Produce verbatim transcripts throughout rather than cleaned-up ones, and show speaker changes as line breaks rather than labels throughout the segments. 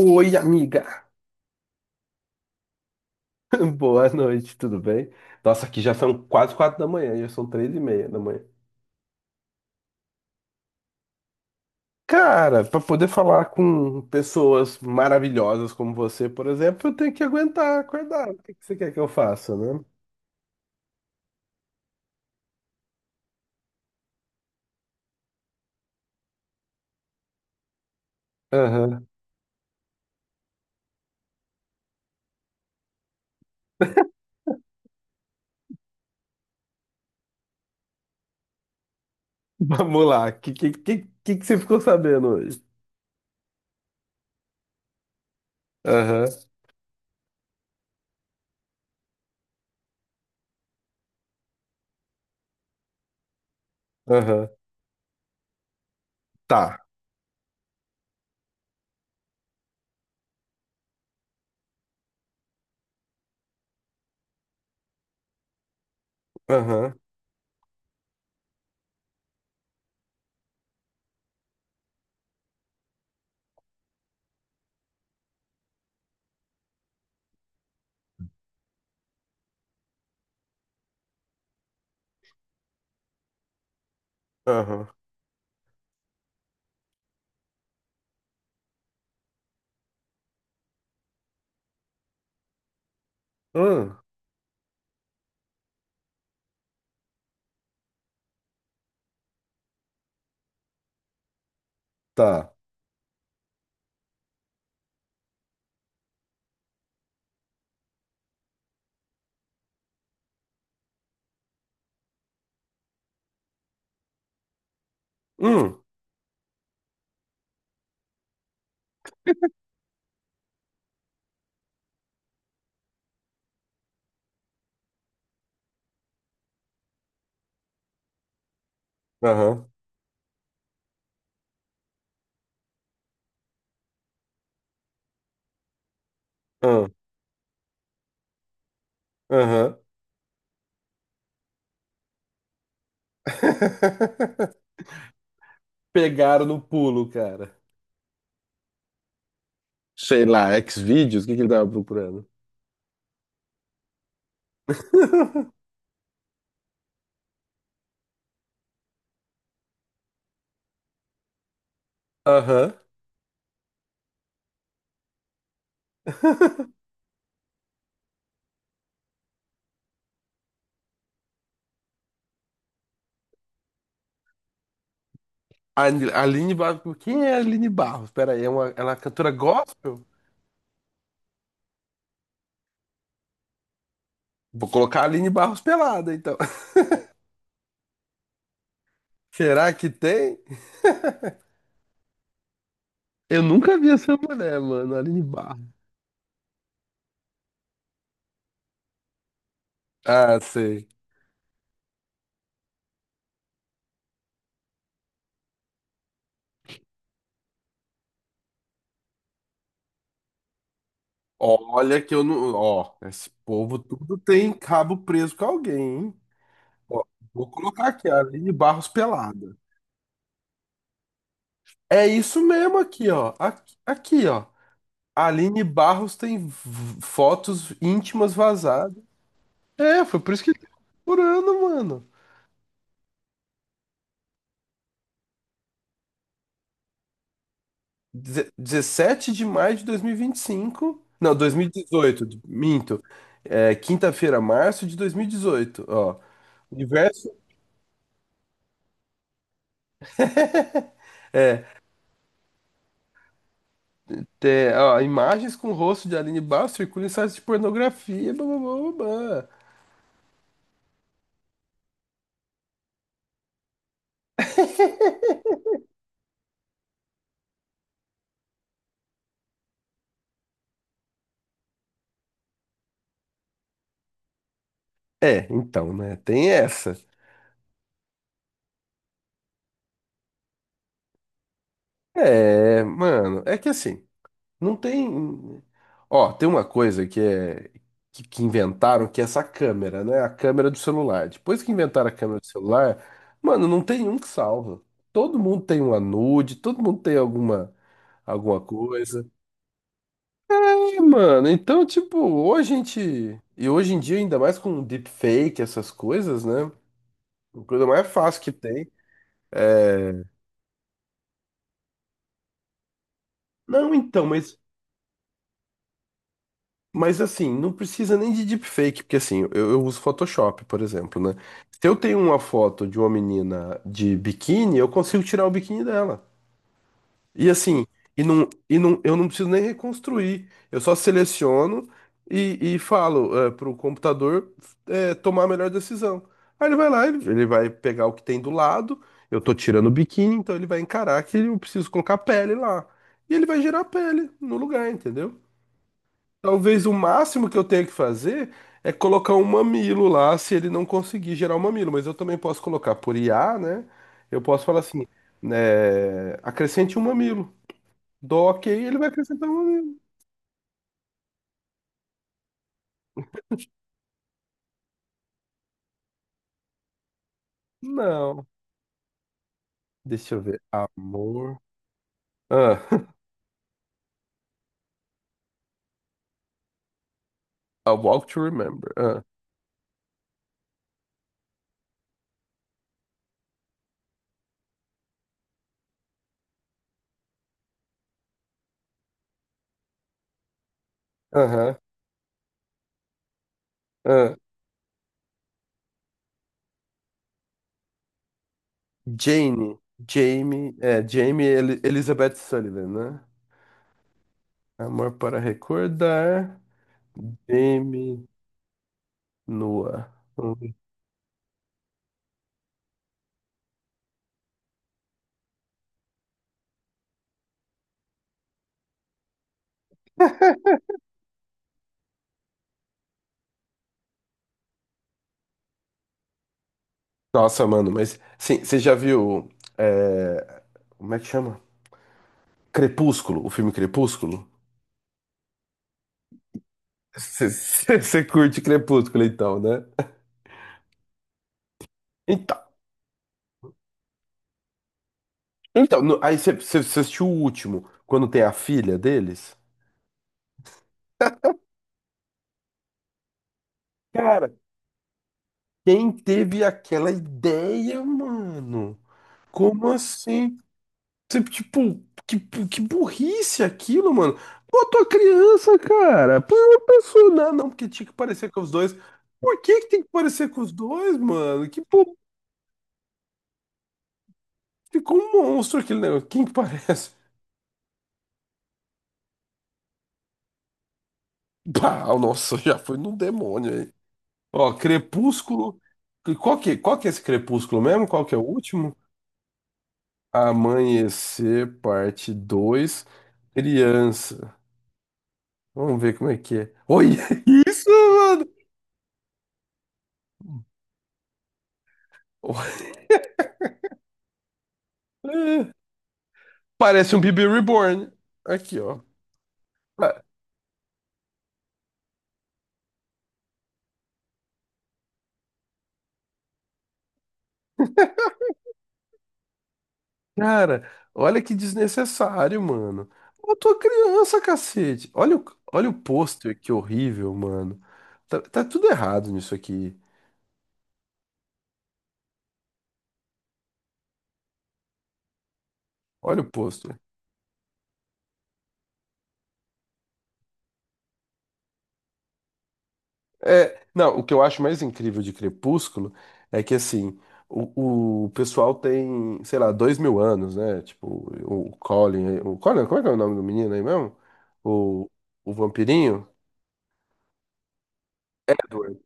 Oi, amiga! Boa noite, tudo bem? Nossa, aqui já são quase quatro da manhã, já são três e meia da manhã. Cara, para poder falar com pessoas maravilhosas como você, por exemplo, eu tenho que aguentar acordar. O que que você quer que eu faça, né? Aham. Vamos lá. O que, que, que, que que você ficou sabendo hoje? Aham, aham. Tá. Aham, aham. Hum, tá. Hum, aham, hum, aham. Pegaram no pulo, cara. Sei lá, Xvideos, o que que ele tava procurando? Aham. A Ani- Aline Barros. Quem é a Aline Barros? Pera aí, é uma, ela é uma cantora gospel? Vou colocar a Aline Barros pelada, então. Será que tem? Eu nunca vi essa mulher, mano, Aline Barros. Ah, sei. Olha que eu não. Ó, esse povo tudo tem cabo preso com alguém, hein? Ó, vou colocar aqui, a Aline Barros pelada. É isso mesmo aqui, ó. Aqui, aqui, ó. A Aline Barros tem v- fotos íntimas vazadas. É, foi por isso que ele tá procurando, mano. Deze- dezessete de maio de dois mil e e vinte e cinco. Não, dois mil e dezoito, minto. É, quinta-feira, março de dois mil e dezoito. Ó, universo. É, ó, imagens com o rosto de Aline Barros circulam em sites de pornografia. Blá, blá, blá, blá, blá. É, então, né? Tem essa. É, mano, é que assim. Não tem. Ó, tem uma coisa que é que, que inventaram, que é essa câmera, né? A câmera do celular. Depois que inventaram a câmera do celular, mano, não tem um que salva. Todo mundo tem uma nude, todo mundo tem alguma alguma coisa. É, mano, então tipo, hoje a gente e hoje em dia ainda mais com deepfake, essas coisas, né? A coisa mais fácil que tem. É... Não, então, mas Mas assim, não precisa nem de deepfake, porque assim, eu, eu uso Photoshop, por exemplo, né? Se eu tenho uma foto de uma menina de biquíni, eu consigo tirar o biquíni dela. E assim, e não, e não, eu não preciso nem reconstruir. Eu só seleciono e, e falo é, para o computador é, tomar a melhor decisão. Aí ele vai lá, ele, ele vai pegar o que tem do lado, eu tô tirando o biquíni, então ele vai encarar que eu preciso colocar a pele lá. E ele vai gerar a pele no lugar, entendeu? Talvez o máximo que eu tenha que fazer é colocar um mamilo lá, se ele não conseguir gerar um mamilo, mas eu também posso colocar por i a, né? Eu posso falar assim, né, acrescente um mamilo. Dou ok, ele vai acrescentar um mamilo. Não. Deixa eu ver. Amor. Ah, A Walk to Remember. Ah, aham. Ah. Jane. Jamie. É, Jamie El- Elizabeth Sullivan, né? Amor para recordar. Jamie nua. Nossa, mano, mas sim, você já viu. é, Como é que chama? Crepúsculo, o filme Crepúsculo? Você você- você curte Crepúsculo, então, né? Então, então, no- aí você você- você assistiu o último, quando tem a filha deles? Cara, quem teve aquela ideia, mano? Como assim? Você, Tipo, que, que burrice aquilo, mano. Botou a criança, cara. Põe uma pessoa. Não, não, porque tinha que parecer com os dois. Por que que tem que parecer com os dois, mano? Que pô, ficou um monstro aquele negócio. Quem que parece? Bah, nossa, já foi num demônio aí. Ó, Crepúsculo. Qual que, qual que é esse Crepúsculo mesmo? Qual que é o último? Amanhecer, parte dois. Criança. Vamos ver como é que é. Olha isso, mano! Parece um bebê reborn. Aqui, ó. Ah, cara, olha que desnecessário, mano. Eu tô criança, cacete. Olha o, olha o pôster, que horrível, mano. Tá, tá tudo errado nisso aqui. Olha o pôster. É, não, o que eu acho mais incrível de Crepúsculo é que, assim, o, o pessoal tem, sei lá, dois mil anos, né? Tipo, o Colin. O Colin, como é que é o nome do menino aí mesmo? O, o vampirinho? Edward.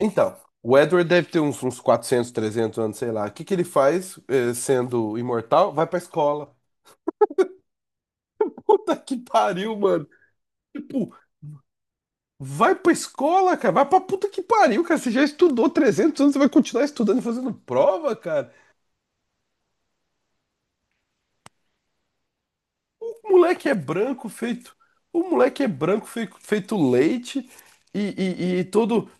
Então, o Edward deve ter uns, uns quatrocentos, trezentos anos, sei lá. O que que ele faz, eh, sendo imortal? Vai pra escola. Puta que pariu, mano. Tipo, vai pra escola, cara. Vai pra puta que pariu, cara. Você já estudou trezentos anos, você vai continuar estudando e fazendo prova, cara? O moleque é branco, feito. O moleque é branco, feito, feito leite e, e, e todo.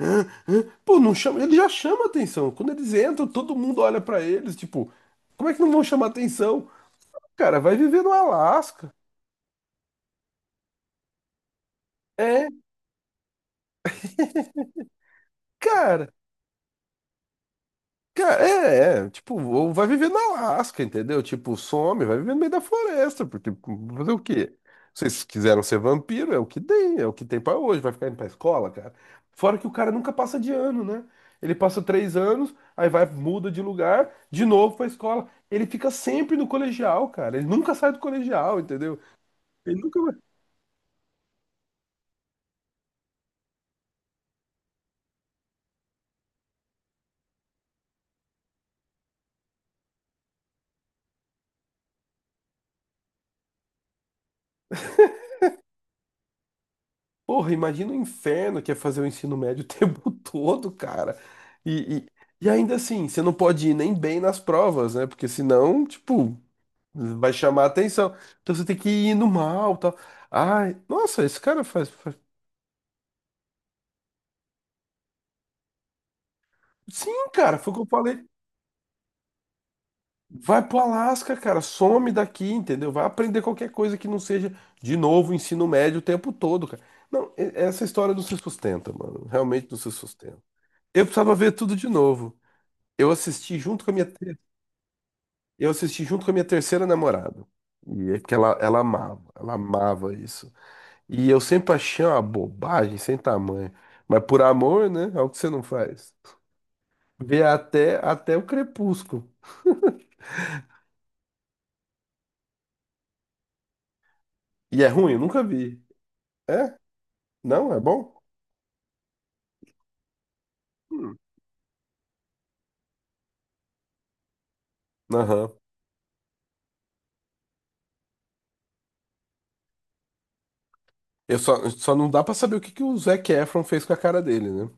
"Hã? Hã?" Pô, não chama. Ele já chama atenção. Quando eles entram, todo mundo olha pra eles, tipo. Como é que não vão chamar atenção? Cara, vai viver no Alasca. É, cara, cara, é, é, tipo, ou vai viver na Alasca, entendeu? Tipo, some, vai viver no meio da floresta, porque fazer o quê? Se vocês quiseram ser vampiro, é o que tem, é o que tem pra hoje, vai ficar indo pra escola, cara. Fora que o cara nunca passa de ano, né? Ele passa três anos, aí vai, muda de lugar, de novo pra escola. Ele fica sempre no colegial, cara. Ele nunca sai do colegial, entendeu? Ele nunca. Porra, imagina o inferno que é fazer o ensino médio o tempo todo, cara. E, e, e ainda assim, você não pode ir nem bem nas provas, né? Porque senão, tipo, vai chamar atenção. Então você tem que ir no mal, tal. Ai, nossa, esse cara faz, faz- Sim, cara, foi o que eu falei. Vai pro Alasca, cara, some daqui, entendeu? Vai aprender qualquer coisa que não seja, de novo, ensino médio o tempo todo, cara. Não, e- essa história não se sustenta, mano. Realmente não se sustenta. Eu precisava ver tudo de novo. Eu assisti junto com a minha. Eu assisti junto com a minha terceira namorada. E é que ela, ela amava, ela amava isso. E eu sempre achei uma bobagem sem tamanho. Mas por amor, né? É o que você não faz. Vê até, até o crepúsculo. E é ruim, eu nunca vi. É? Não? É bom? Hum. Aham. Eu só, só não dá pra saber o que que o Zac Efron fez com a cara dele, né?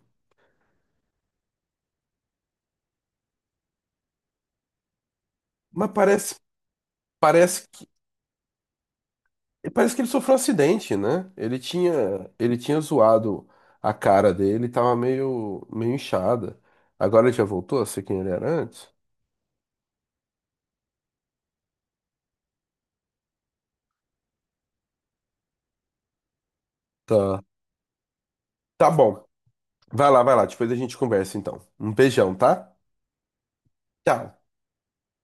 Mas parece, parece E parece que ele sofreu um acidente, né? Ele tinha, ele tinha zoado a cara dele, tava meio, meio inchada. Agora ele já voltou a ser quem ele era antes? Tá. Tá bom. Vai lá, vai lá. Depois a gente conversa então. Um beijão, tá? Tchau.